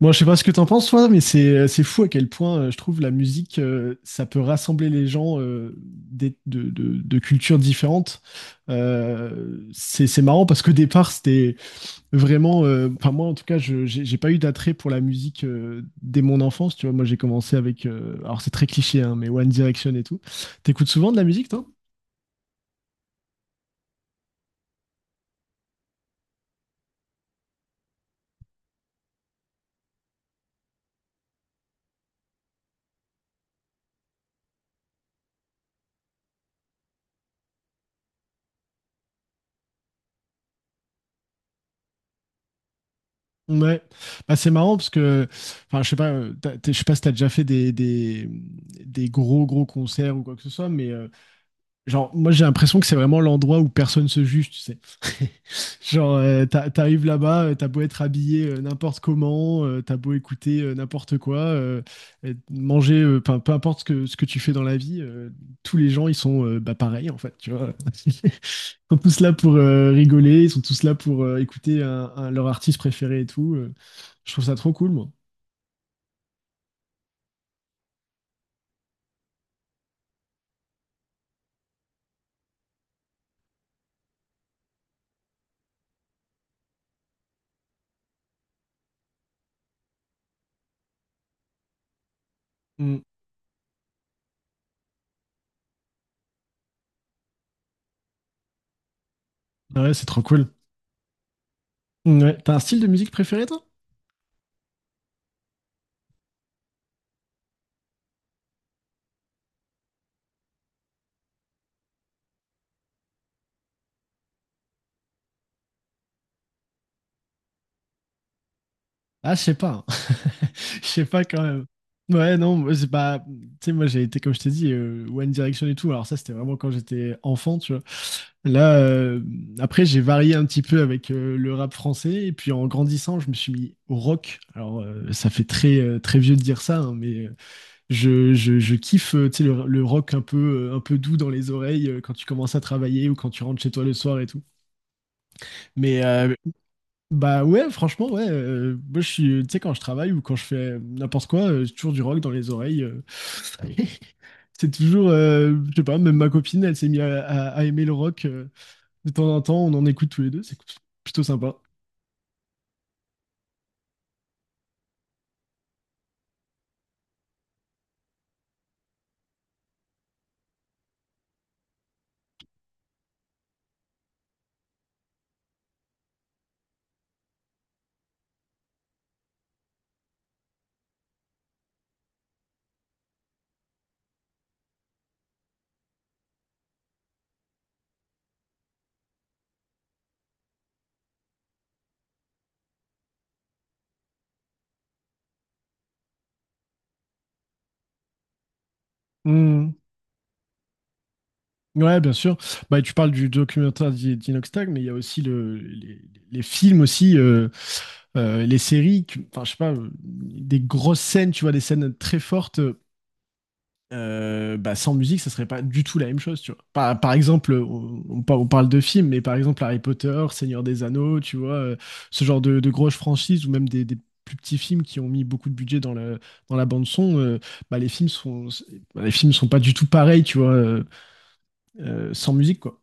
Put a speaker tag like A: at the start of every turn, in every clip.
A: Moi, je sais pas ce que t'en penses, toi, mais c'est fou à quel point je trouve la musique, ça peut rassembler les gens de cultures différentes. C'est marrant parce qu'au départ, c'était vraiment, enfin moi en tout cas, je j'ai pas eu d'attrait pour la musique dès mon enfance. Tu vois, moi j'ai commencé avec, alors c'est très cliché, hein, mais One Direction et tout. T'écoutes souvent de la musique, toi? Ouais, bah, c'est marrant parce que, enfin, je sais pas, je sais pas si t'as déjà fait des gros gros concerts ou quoi que ce soit, mais genre, moi j'ai l'impression que c'est vraiment l'endroit où personne se juge, tu sais. Genre, t'arrives là-bas, t'as beau être habillé n'importe comment, t'as beau écouter n'importe quoi, et manger, enfin, peu importe ce que tu fais dans la vie, tous les gens ils sont bah, pareils en fait, tu vois. Sont tous là pour rigoler, ils sont tous là pour écouter leur artiste préféré et tout. Je trouve ça trop cool, moi. Mm. Ouais, c'est trop cool. Mm, ouais. T'as un style de musique préféré, toi? Ah, je sais pas. Je sais pas quand même. Ouais, non, moi, c'est pas. Tu sais, moi, j'ai été, comme je t'ai dit, One Direction et tout. Alors, ça, c'était vraiment quand j'étais enfant, tu vois. Là, après, j'ai varié un petit peu avec le rap français. Et puis, en grandissant, je me suis mis au rock. Alors, ça fait très, très vieux de dire ça, hein, mais je kiffe, tu sais, le rock un peu doux dans les oreilles quand tu commences à travailler ou quand tu rentres chez toi le soir et tout. Mais bah ouais, franchement, ouais. Moi, je suis, tu sais, quand je travaille ou quand je fais n'importe quoi, j'ai toujours du rock dans les oreilles. C'est toujours, je sais pas, même ma copine, elle s'est mise à aimer le rock. De temps en temps, on en écoute tous les deux. C'est plutôt sympa. Hmm. Ouais, bien sûr. Bah, tu parles du documentaire d'Inox Tag, mais il y a aussi les films aussi, les séries, enfin, je sais pas, des grosses scènes, tu vois, des scènes très fortes. Bah, sans musique, ça serait pas du tout la même chose, tu vois. Par, par exemple, on par- On parle de films, mais par exemple Harry Potter, Seigneur des Anneaux, tu vois, ce genre de grosses franchises ou même des plus petits films qui ont mis beaucoup de budget dans dans la bande son, bah, bah, les films sont pas du tout pareils, tu vois, sans musique, quoi.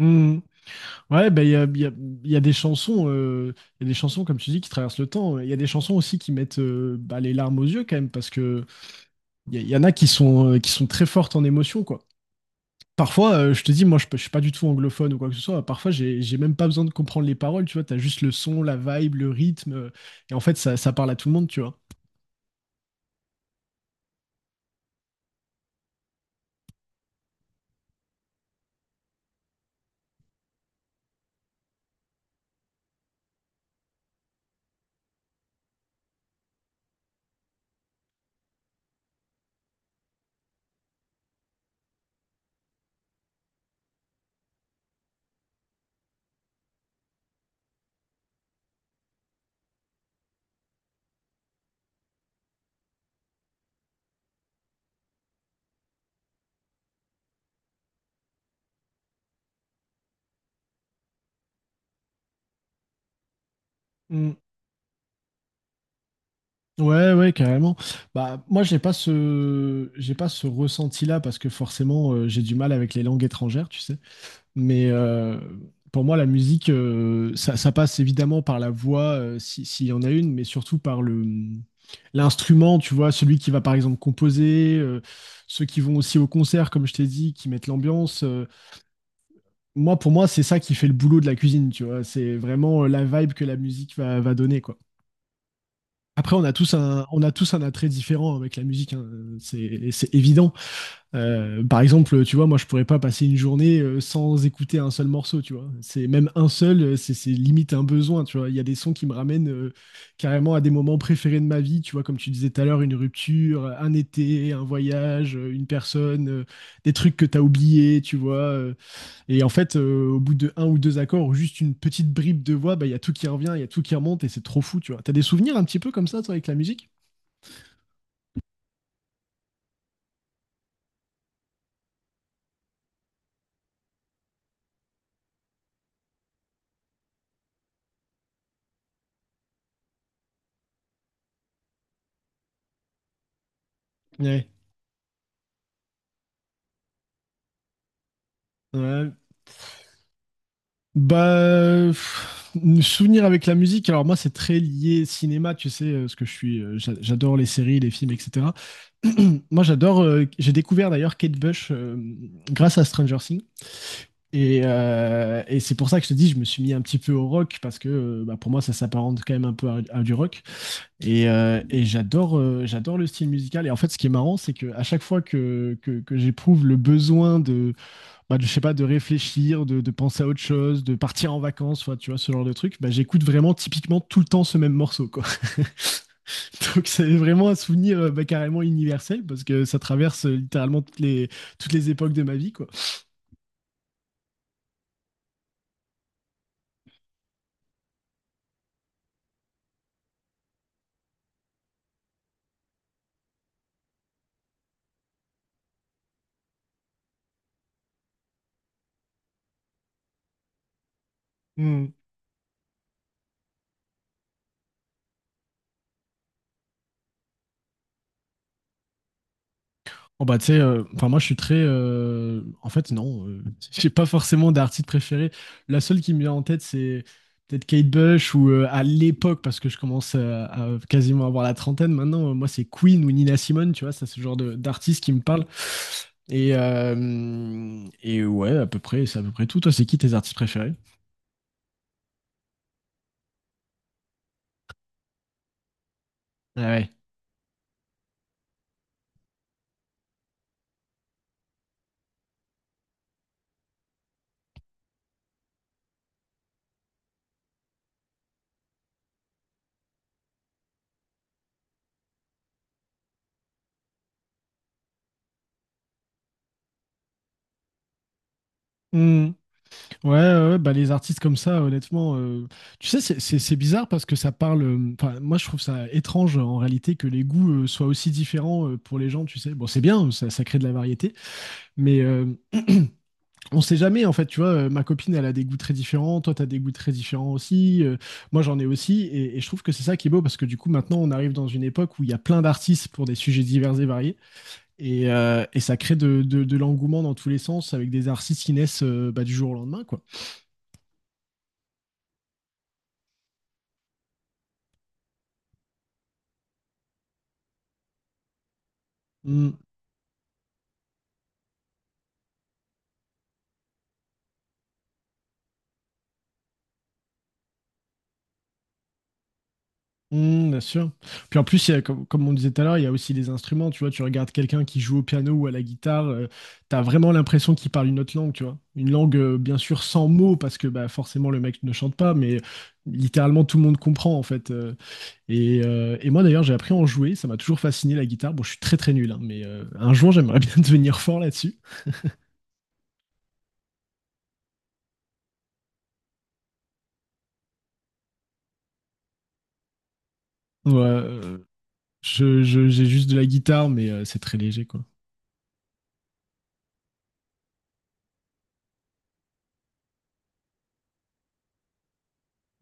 A: Hmm. Ouais, bah, il y a des chansons, il y a des chansons, comme tu dis, qui traversent le temps. Il y a des chansons aussi qui mettent bah, les larmes aux yeux, quand même, parce que il y en a qui sont très fortes en émotion, quoi. Parfois, je te dis, moi, je suis pas du tout anglophone ou quoi que ce soit. Parfois, j'ai même pas besoin de comprendre les paroles, tu vois. T'as juste le son, la vibe, le rythme. Et en fait, ça parle à tout le monde, tu vois. Mm. Ouais, ouais, carrément. Bah, moi, j'ai pas ce ressenti-là parce que forcément, j'ai du mal avec les langues étrangères, tu sais. Mais pour moi, la musique, ça passe évidemment par la voix, s'il y en a une, mais surtout par le l'instrument, tu vois, celui qui va par exemple composer, ceux qui vont aussi au concert, comme je t'ai dit, qui mettent l'ambiance. Moi, pour moi, c'est ça qui fait le boulot de la cuisine, tu vois. C'est vraiment la vibe que la musique va donner, quoi. Après, on a tous un attrait différent avec la musique, hein. C'est évident. Par exemple, tu vois, moi, je pourrais pas passer une journée sans écouter un seul morceau, tu vois. C'est même un seul, c'est limite un besoin, tu vois. Il y a des sons qui me ramènent carrément à des moments préférés de ma vie, tu vois, comme tu disais tout à l'heure, une rupture, un été, un voyage, une personne, des trucs que t'as oubliés, tu vois. Et en fait, au bout de un ou deux accords ou juste une petite bribe de voix, bah, il y a tout qui revient, il y a tout qui remonte et c'est trop fou, tu vois. T'as des souvenirs un petit peu comme ça, toi, avec la musique? Ouais. Ouais. Bah, pff, souvenir avec la musique. Alors moi, c'est très lié cinéma, tu sais, ce que je suis. J'adore les séries, les films, etc. Moi, j'adore. J'ai découvert d'ailleurs Kate Bush grâce à Stranger Things. Et c'est pour ça que je te dis, je me suis mis un petit peu au rock parce que bah, pour moi, ça s'apparente quand même un peu à du rock. Et, et j'adore le style musical. Et en fait, ce qui est marrant, c'est que à chaque fois que j'éprouve le besoin bah, je sais pas, de réfléchir, de penser à autre chose, de partir en vacances, soit, tu vois, ce genre de truc, bah, j'écoute vraiment typiquement tout le temps ce même morceau, quoi. Donc c'est vraiment un souvenir bah, carrément universel parce que ça traverse littéralement toutes les époques de ma vie, quoi. Oh bah tu sais, enfin moi je suis très, en fait non, j'ai pas forcément d'artiste préféré. La seule qui me vient en tête c'est peut-être Kate Bush ou à l'époque parce que je commence à quasiment avoir la trentaine maintenant. Moi c'est Queen ou Nina Simone, tu vois, ça c'est ce d'artiste qui me parle. Et ouais à peu près, c'est à peu près tout. Toi c'est qui tes artistes préférés? Ah ouais. Ouais, ouais, ouais, bah les artistes comme ça, honnêtement, tu sais, c'est bizarre parce que ça parle. Enfin, moi, je trouve ça étrange en réalité que les goûts soient aussi différents pour les gens, tu sais. Bon, c'est bien, ça crée de la variété, mais on sait jamais, en fait, tu vois. Ma copine, elle a des goûts très différents, toi, t'as des goûts très différents aussi, moi, j'en ai aussi, et je trouve que c'est ça qui est beau parce que du coup, maintenant, on arrive dans une époque où il y a plein d'artistes pour des sujets divers et variés, et ça crée de l'engouement dans tous les sens avec des artistes qui naissent bah, du jour au lendemain, quoi. Mmh. Mmh, bien sûr. Puis en plus, il y a, comme on disait tout à l'heure, il y a aussi les instruments. Tu vois, tu regardes quelqu'un qui joue au piano ou à la guitare, tu as vraiment l'impression qu'il parle une autre langue, tu vois. Une langue, bien sûr, sans mots, parce que bah, forcément, le mec ne chante pas, mais littéralement, tout le monde comprend, en fait. Et, et moi, d'ailleurs, j'ai appris à en jouer. Ça m'a toujours fasciné, la guitare. Bon, je suis très, très nul, hein, mais un jour, j'aimerais bien devenir fort là-dessus. Ouais, j'ai juste de la guitare, mais c'est très léger, quoi.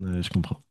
A: Ouais, je comprends.